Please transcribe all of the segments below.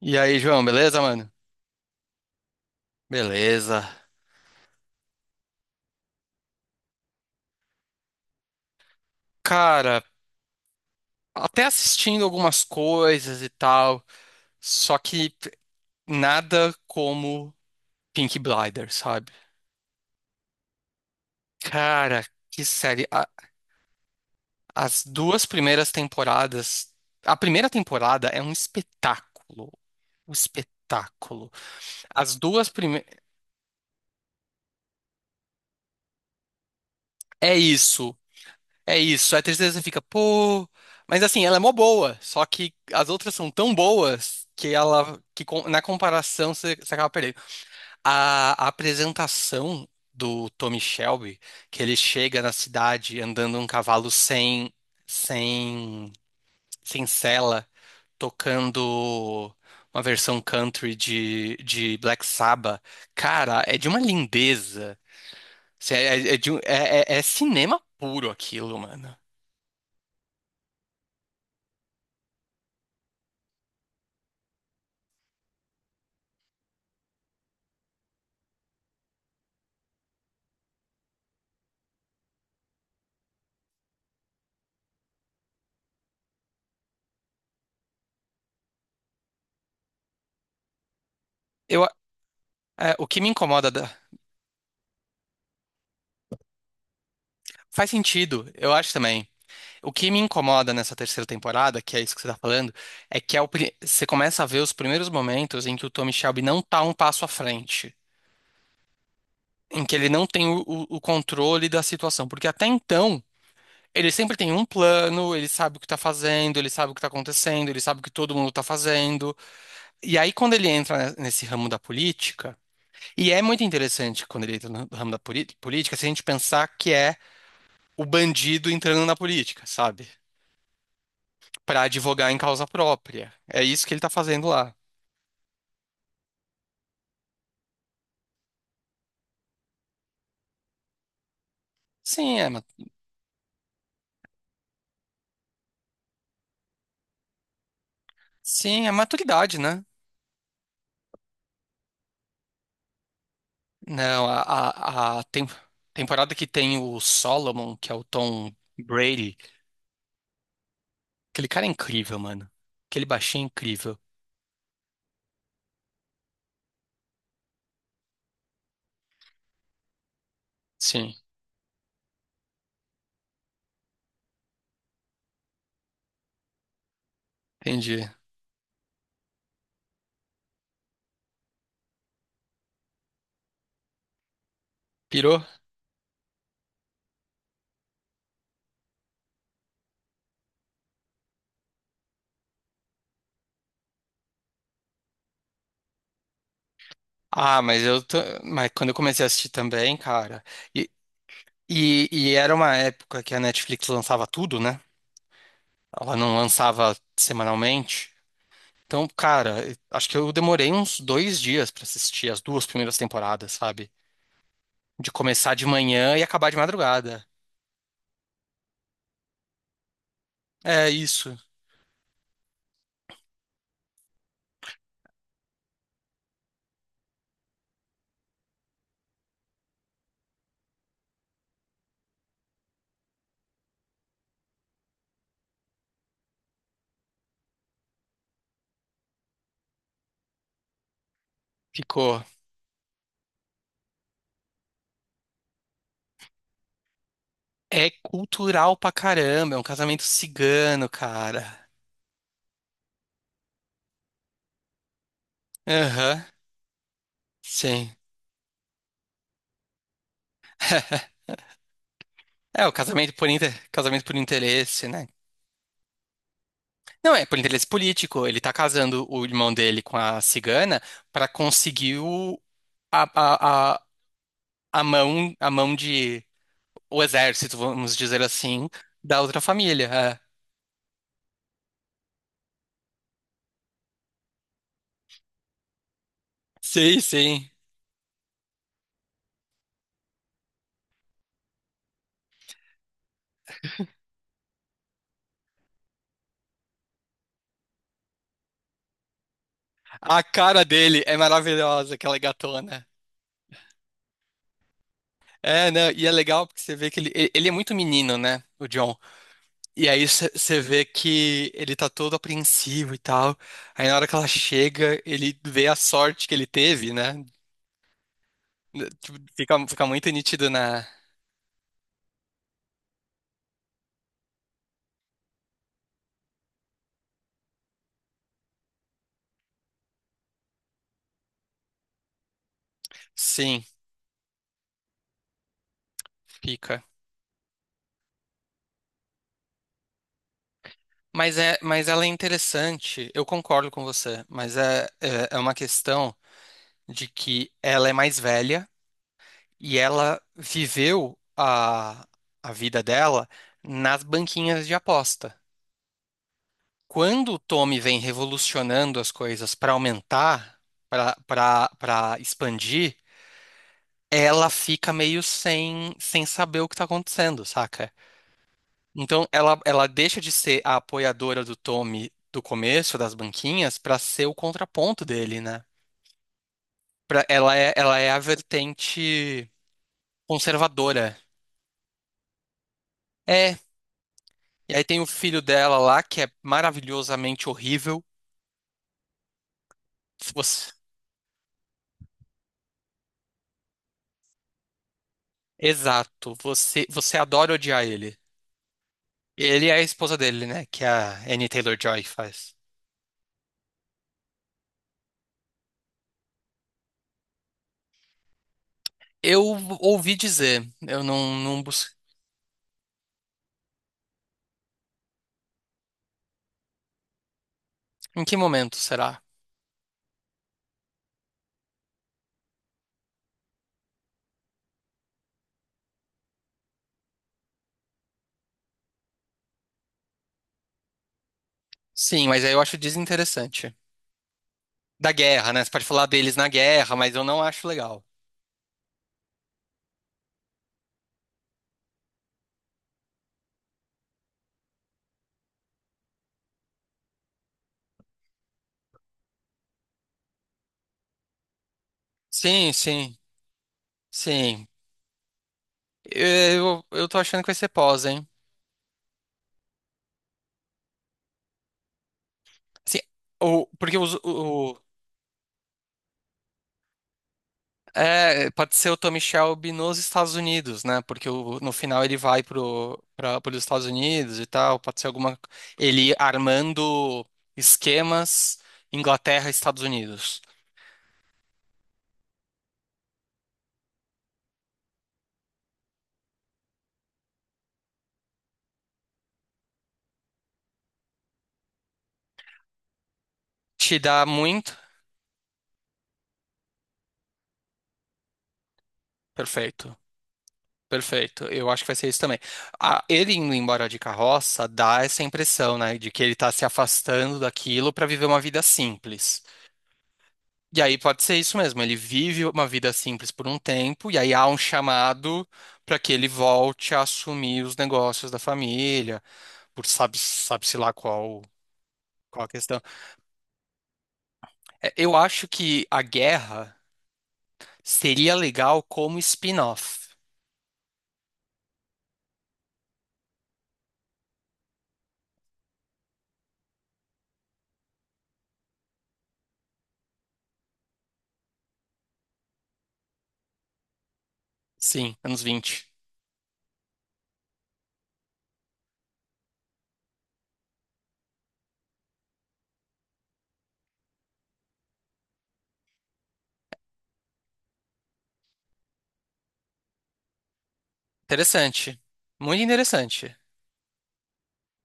E aí, João, beleza, mano? Beleza. Cara, até assistindo algumas coisas e tal, só que nada como Peaky Blinders, sabe? Cara, que série. As duas primeiras temporadas. A primeira temporada é um espetáculo. Um espetáculo. As duas primeiras. É isso. É isso, a terceira você fica, pô. Mas assim, ela é mó boa, só que as outras são tão boas que ela, na comparação você acaba perdendo. A apresentação do Tommy Shelby, que ele chega na cidade andando um cavalo sem, sem sela, tocando uma versão country de Black Sabbath, cara, é de uma lindeza. Assim, É, é, é de um- é é- é cinema puro aquilo, mano. É, o que me incomoda. Faz sentido, eu acho também. O que me incomoda nessa terceira temporada, que é isso que você tá falando, é que é você começa a ver os primeiros momentos em que o Tommy Shelby não tá um passo à frente, em que ele não tem o controle da situação, porque até então ele sempre tem um plano, ele sabe o que tá fazendo, ele sabe o que tá acontecendo, ele sabe o que todo mundo tá fazendo. E aí quando ele entra nesse ramo da política, e é muito interessante quando ele entra no ramo da política, se a gente pensar que é o bandido entrando na política, sabe? Pra advogar em causa própria. É isso que ele tá fazendo lá. Sim, é, ma- sim, é maturidade, né? Não, a tem- Temporada que tem o Solomon, que é o Tom Brady, aquele cara é incrível, mano. Aquele baixinho é incrível. Sim, entendi. Pirou? Ah, mas eu tô, mas quando eu comecei a assistir também, cara, e, e era uma época que a Netflix lançava tudo, né? Ela não lançava semanalmente. Então, cara, acho que eu demorei uns 2 dias pra assistir as duas primeiras temporadas, sabe? De começar de manhã e acabar de madrugada. É isso. Ficou. É cultural pra caramba. É um casamento cigano, cara. Aham. Sim. É, o casamento por inter... casamento por interesse, né? Não, é por interesse político. Ele tá casando o irmão dele com a cigana pra conseguir o... a, a, a, a mão de o exército, vamos dizer assim, da outra família. É. Sim, sim. A cara dele é maravilhosa, aquela gatona. É, né? E é legal porque você vê que ele é muito menino, né? O John. E aí você vê que ele tá todo apreensivo e tal. Aí na hora que ela chega, ele vê a sorte que ele teve, né? Fica muito nítido na. Sim, fica. Mas, é, mas ela é interessante, eu concordo com você, mas é uma questão de que ela é mais velha e ela viveu a vida dela nas banquinhas de aposta. Quando o Tommy vem revolucionando as coisas para aumentar, para expandir, ela fica meio sem saber o que está acontecendo, saca? Então ela deixa de ser a apoiadora do Tommy do começo das banquinhas para ser o contraponto dele, né? Ela é a vertente conservadora. É. E aí tem o filho dela lá, que é maravilhosamente horrível. Você- Exato, você adora odiar ele. Ele é a esposa dele, né? Que a Annie Taylor-Joy faz. Eu ouvi dizer, eu não, não busquei. Em que momento será? Sim, mas aí eu acho desinteressante. Da guerra, né? Você pode falar deles na guerra, mas eu não acho legal. Sim, sim, sim. Eu tô achando que vai ser pós, hein? Assim, o, porque os, É, pode ser o Tommy Shelby nos Estados Unidos, né? Porque no final ele vai para os Estados Unidos e tal. Pode ser alguma. Ele armando esquemas Inglaterra, e Estados Unidos. Te dá muito? Perfeito, perfeito. Eu acho que vai ser isso também. Ah, ele indo embora de carroça dá essa impressão, né? De que ele tá se afastando daquilo para viver uma vida simples. E aí pode ser isso mesmo, ele vive uma vida simples por um tempo, e aí há um chamado para que ele volte a assumir os negócios da família, por sabe-se lá qual, qual a questão. É, eu acho que a guerra seria legal como spin-off. Sim, anos 20. Interessante. Muito interessante.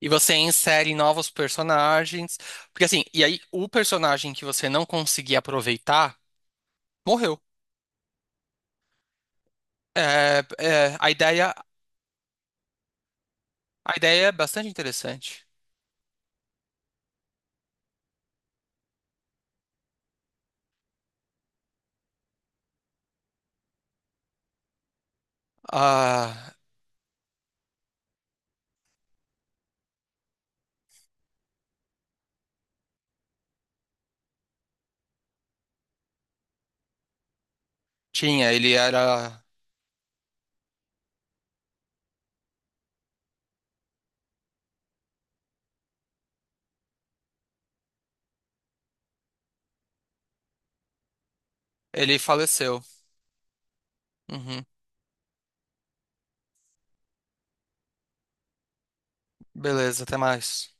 E você insere novos personagens. Porque assim, e aí o personagem que você não conseguia aproveitar morreu. É, a ideia. A ideia é bastante interessante. Ah, tinha, ele era. Ele faleceu. Uhum. Beleza, até mais.